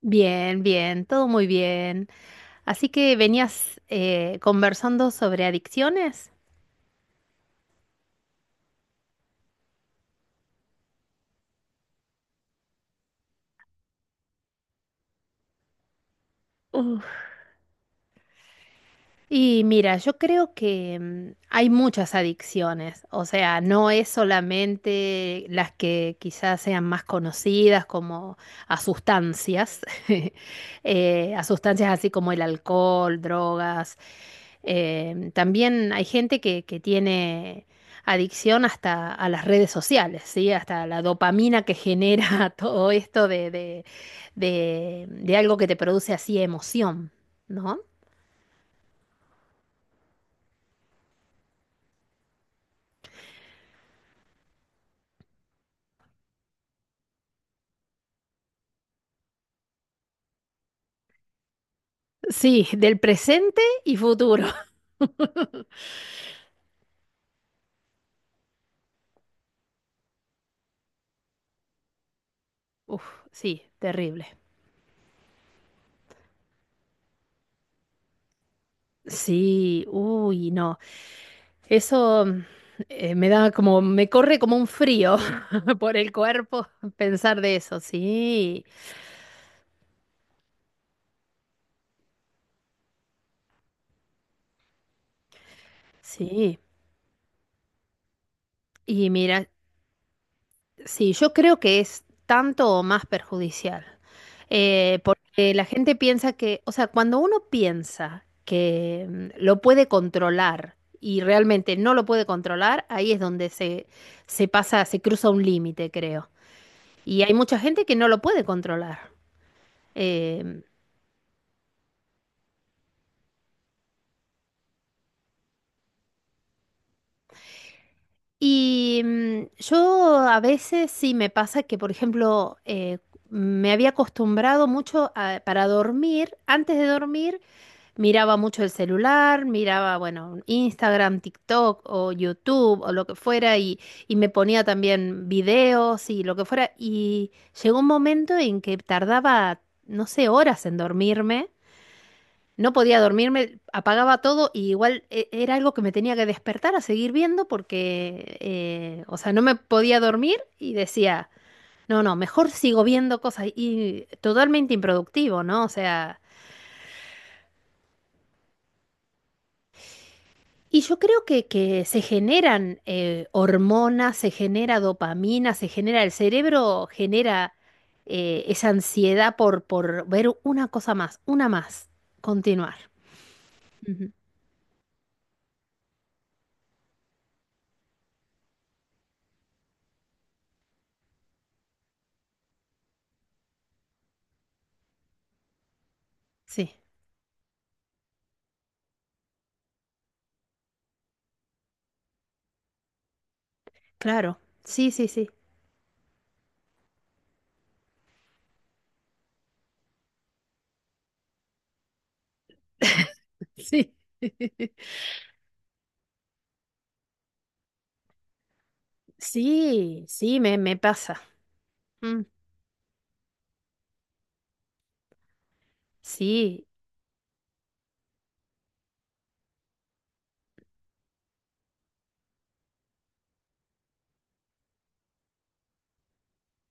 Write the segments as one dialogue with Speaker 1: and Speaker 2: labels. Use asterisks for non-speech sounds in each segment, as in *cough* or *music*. Speaker 1: Bien, bien, todo muy bien. Así que venías conversando sobre adicciones. Y mira, yo creo que hay muchas adicciones, o sea, no es solamente las que quizás sean más conocidas como a sustancias, *laughs* a sustancias así como el alcohol, drogas. También hay gente que tiene adicción hasta a las redes sociales, ¿sí? Hasta la dopamina que genera *laughs* todo esto de algo que te produce así emoción, ¿no? Sí, del presente y futuro. *laughs* Uf, sí, terrible. Sí, uy, no. Eso me da como, me corre como un frío *laughs* por el cuerpo pensar de eso. Sí, sí. Y mira, sí, yo creo que es tanto o más perjudicial. Porque la gente piensa que, o sea, cuando uno piensa que lo puede controlar y realmente no lo puede controlar, ahí es donde se pasa, se cruza un límite, creo. Y hay mucha gente que no lo puede controlar. Eh, yo a veces sí me pasa que, por ejemplo, me había acostumbrado mucho para dormir, antes de dormir, miraba mucho el celular, miraba, bueno, Instagram, TikTok o YouTube o lo que fuera y me ponía también videos y lo que fuera. Y llegó un momento en que tardaba, no sé, horas en dormirme. No podía dormirme, apagaba todo y igual era algo que me tenía que despertar a seguir viendo porque, o sea, no me podía dormir y decía, no, no, mejor sigo viendo cosas y totalmente improductivo, ¿no? O sea... Y yo creo que se generan hormonas, se genera dopamina, se genera, el cerebro genera esa ansiedad por ver una cosa más, una más, continuar. Ujú. Sí, claro, sí, sí, sí. Sí. *laughs* Sí, sí, me pasa. Mm, sí,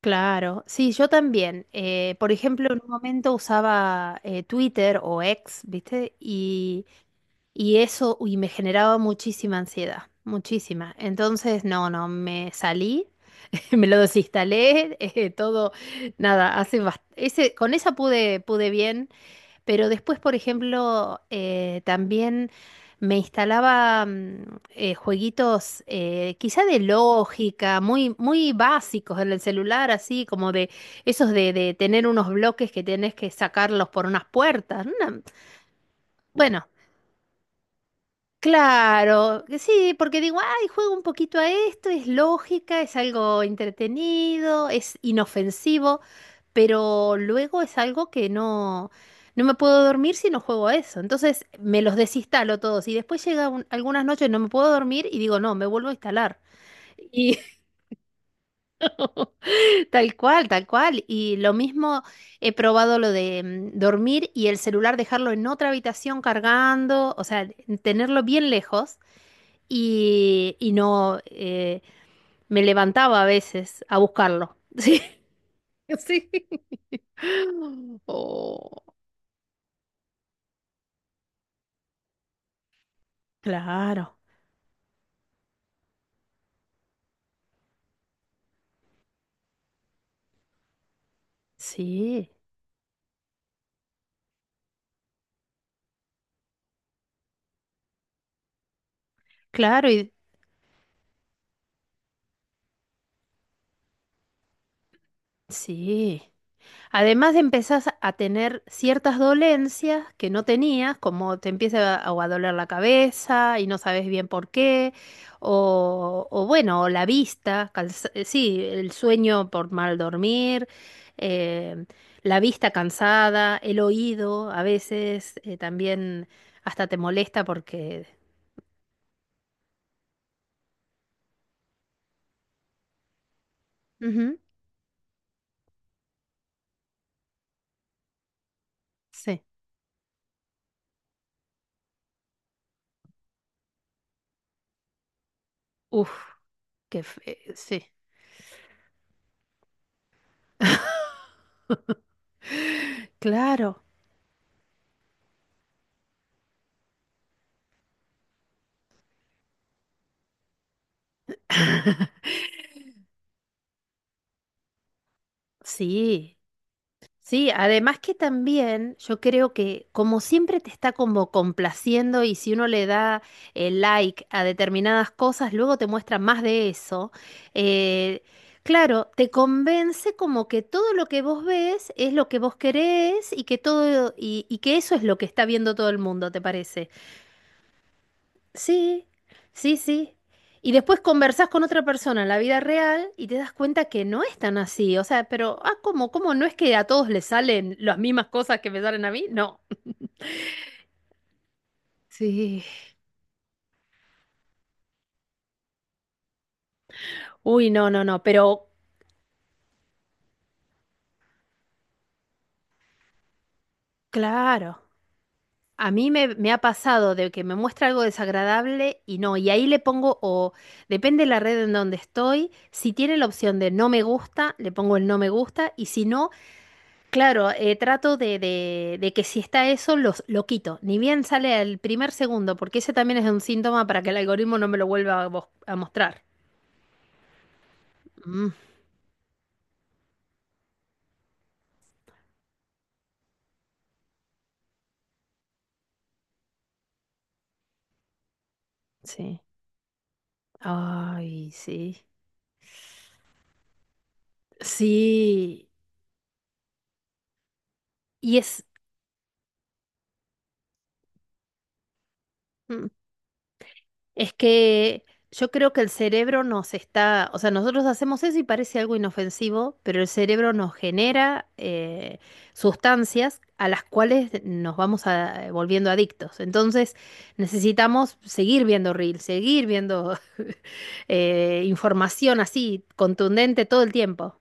Speaker 1: claro. Sí, yo también. Por ejemplo, en un momento usaba Twitter o X, ¿viste? Y y eso, uy, me generaba muchísima ansiedad, muchísima. Entonces, no, no, me salí, *laughs* me lo desinstalé, todo, nada, hace ese, con esa pude, pude bien, pero después, por ejemplo, también me instalaba jueguitos quizá de lógica, muy, muy básicos en el celular, así como de esos de tener unos bloques que tenés que sacarlos por unas puertas. Bueno, claro, que sí, porque digo, ay, juego un poquito a esto, es lógica, es algo entretenido, es inofensivo, pero luego es algo que no, no me puedo dormir si no juego a eso. Entonces me los desinstalo todos y después llega algunas noches no me puedo dormir y digo, no, me vuelvo a instalar. Y *laughs* tal cual, tal cual. Y lo mismo he probado lo de dormir y el celular dejarlo en otra habitación cargando, o sea, tenerlo bien lejos y no me levantaba a veces a buscarlo. *laughs* Sí, sí. Oh, claro, sí, claro, y sí. Además empezás a tener ciertas dolencias que no tenías, como te empieza a, o a doler la cabeza y no sabes bien por qué, o bueno, o la vista, sí, el sueño por mal dormir, eh, la vista cansada, el oído a veces también hasta te molesta porque... Ujú, sí, uf, sí, claro, sí. Sí, además que también yo creo que como siempre te está como complaciendo y si uno le da el like a determinadas cosas, luego te muestra más de eso. eh, claro, te convence como que todo lo que vos ves es lo que vos querés y que todo y que eso es lo que está viendo todo el mundo, ¿te parece? Sí, sí, sí. Y después conversás con otra persona en la vida real y te das cuenta que no es tan así. O sea, pero, ah, ¿cómo? ¿Cómo no es que a todos les salen las mismas cosas que me salen a mí? No. Sí. Uy, no, no, no. Pero, claro, a mí me, me ha pasado de que me muestra algo desagradable y no. Y ahí le pongo, o depende de la red en donde estoy, si tiene la opción de no me gusta, le pongo el no me gusta. Y si no, claro, trato de, de que si está eso, los, lo quito. Ni bien sale el primer segundo, porque ese también es un síntoma para que el algoritmo no me lo vuelva a, a mostrar. Mm, sí. Ay, sí. Sí. Y es. mm, Es que yo creo que el cerebro nos está, o sea, nosotros hacemos eso y parece algo inofensivo, pero el cerebro nos genera sustancias a las cuales nos vamos volviendo adictos. Entonces necesitamos seguir viendo reels, seguir viendo *laughs* información así contundente todo el tiempo.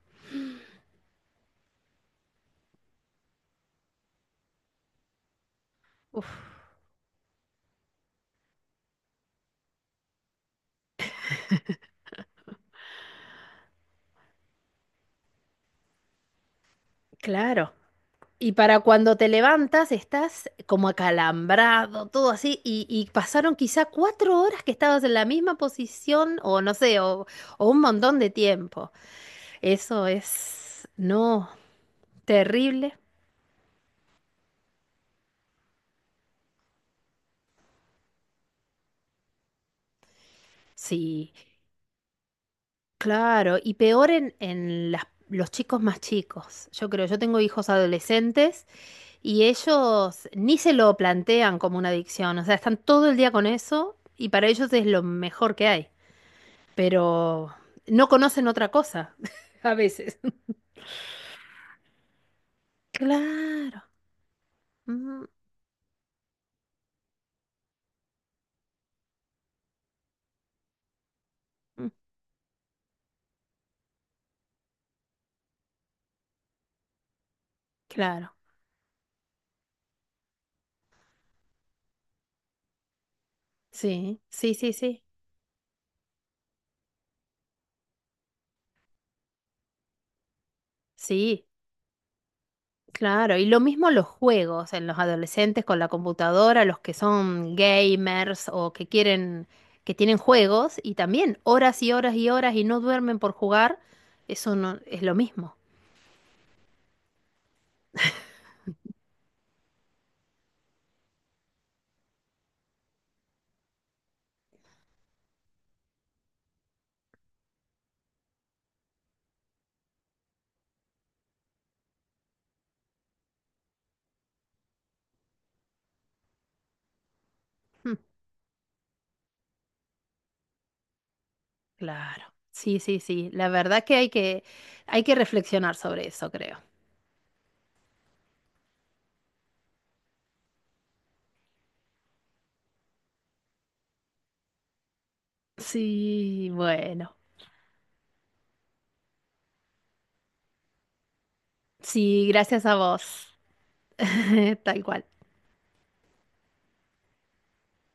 Speaker 1: Uf, claro. Y para cuando te levantas estás como acalambrado, todo así, y pasaron quizá 4 horas que estabas en la misma posición, o no sé, o un montón de tiempo. Eso es, no, terrible. Sí, claro, y peor en los chicos más chicos. Yo creo, yo tengo hijos adolescentes y ellos ni se lo plantean como una adicción, o sea, están todo el día con eso y para ellos es lo mejor que hay. Pero no conocen otra cosa *laughs* a veces. Claro. Ujú, ujú, claro. Sí, sí, sí, sí. Sí, claro. Y lo mismo los juegos en los adolescentes con la computadora, los que son gamers o que quieren, que tienen juegos y también horas y horas y horas y no duermen por jugar, eso no es lo mismo. Mm, claro. Sí, sí, sí. La verdad que hay que, hay que reflexionar sobre eso, creo. Sí, bueno. Sí, gracias a vos. *laughs* Tal cual.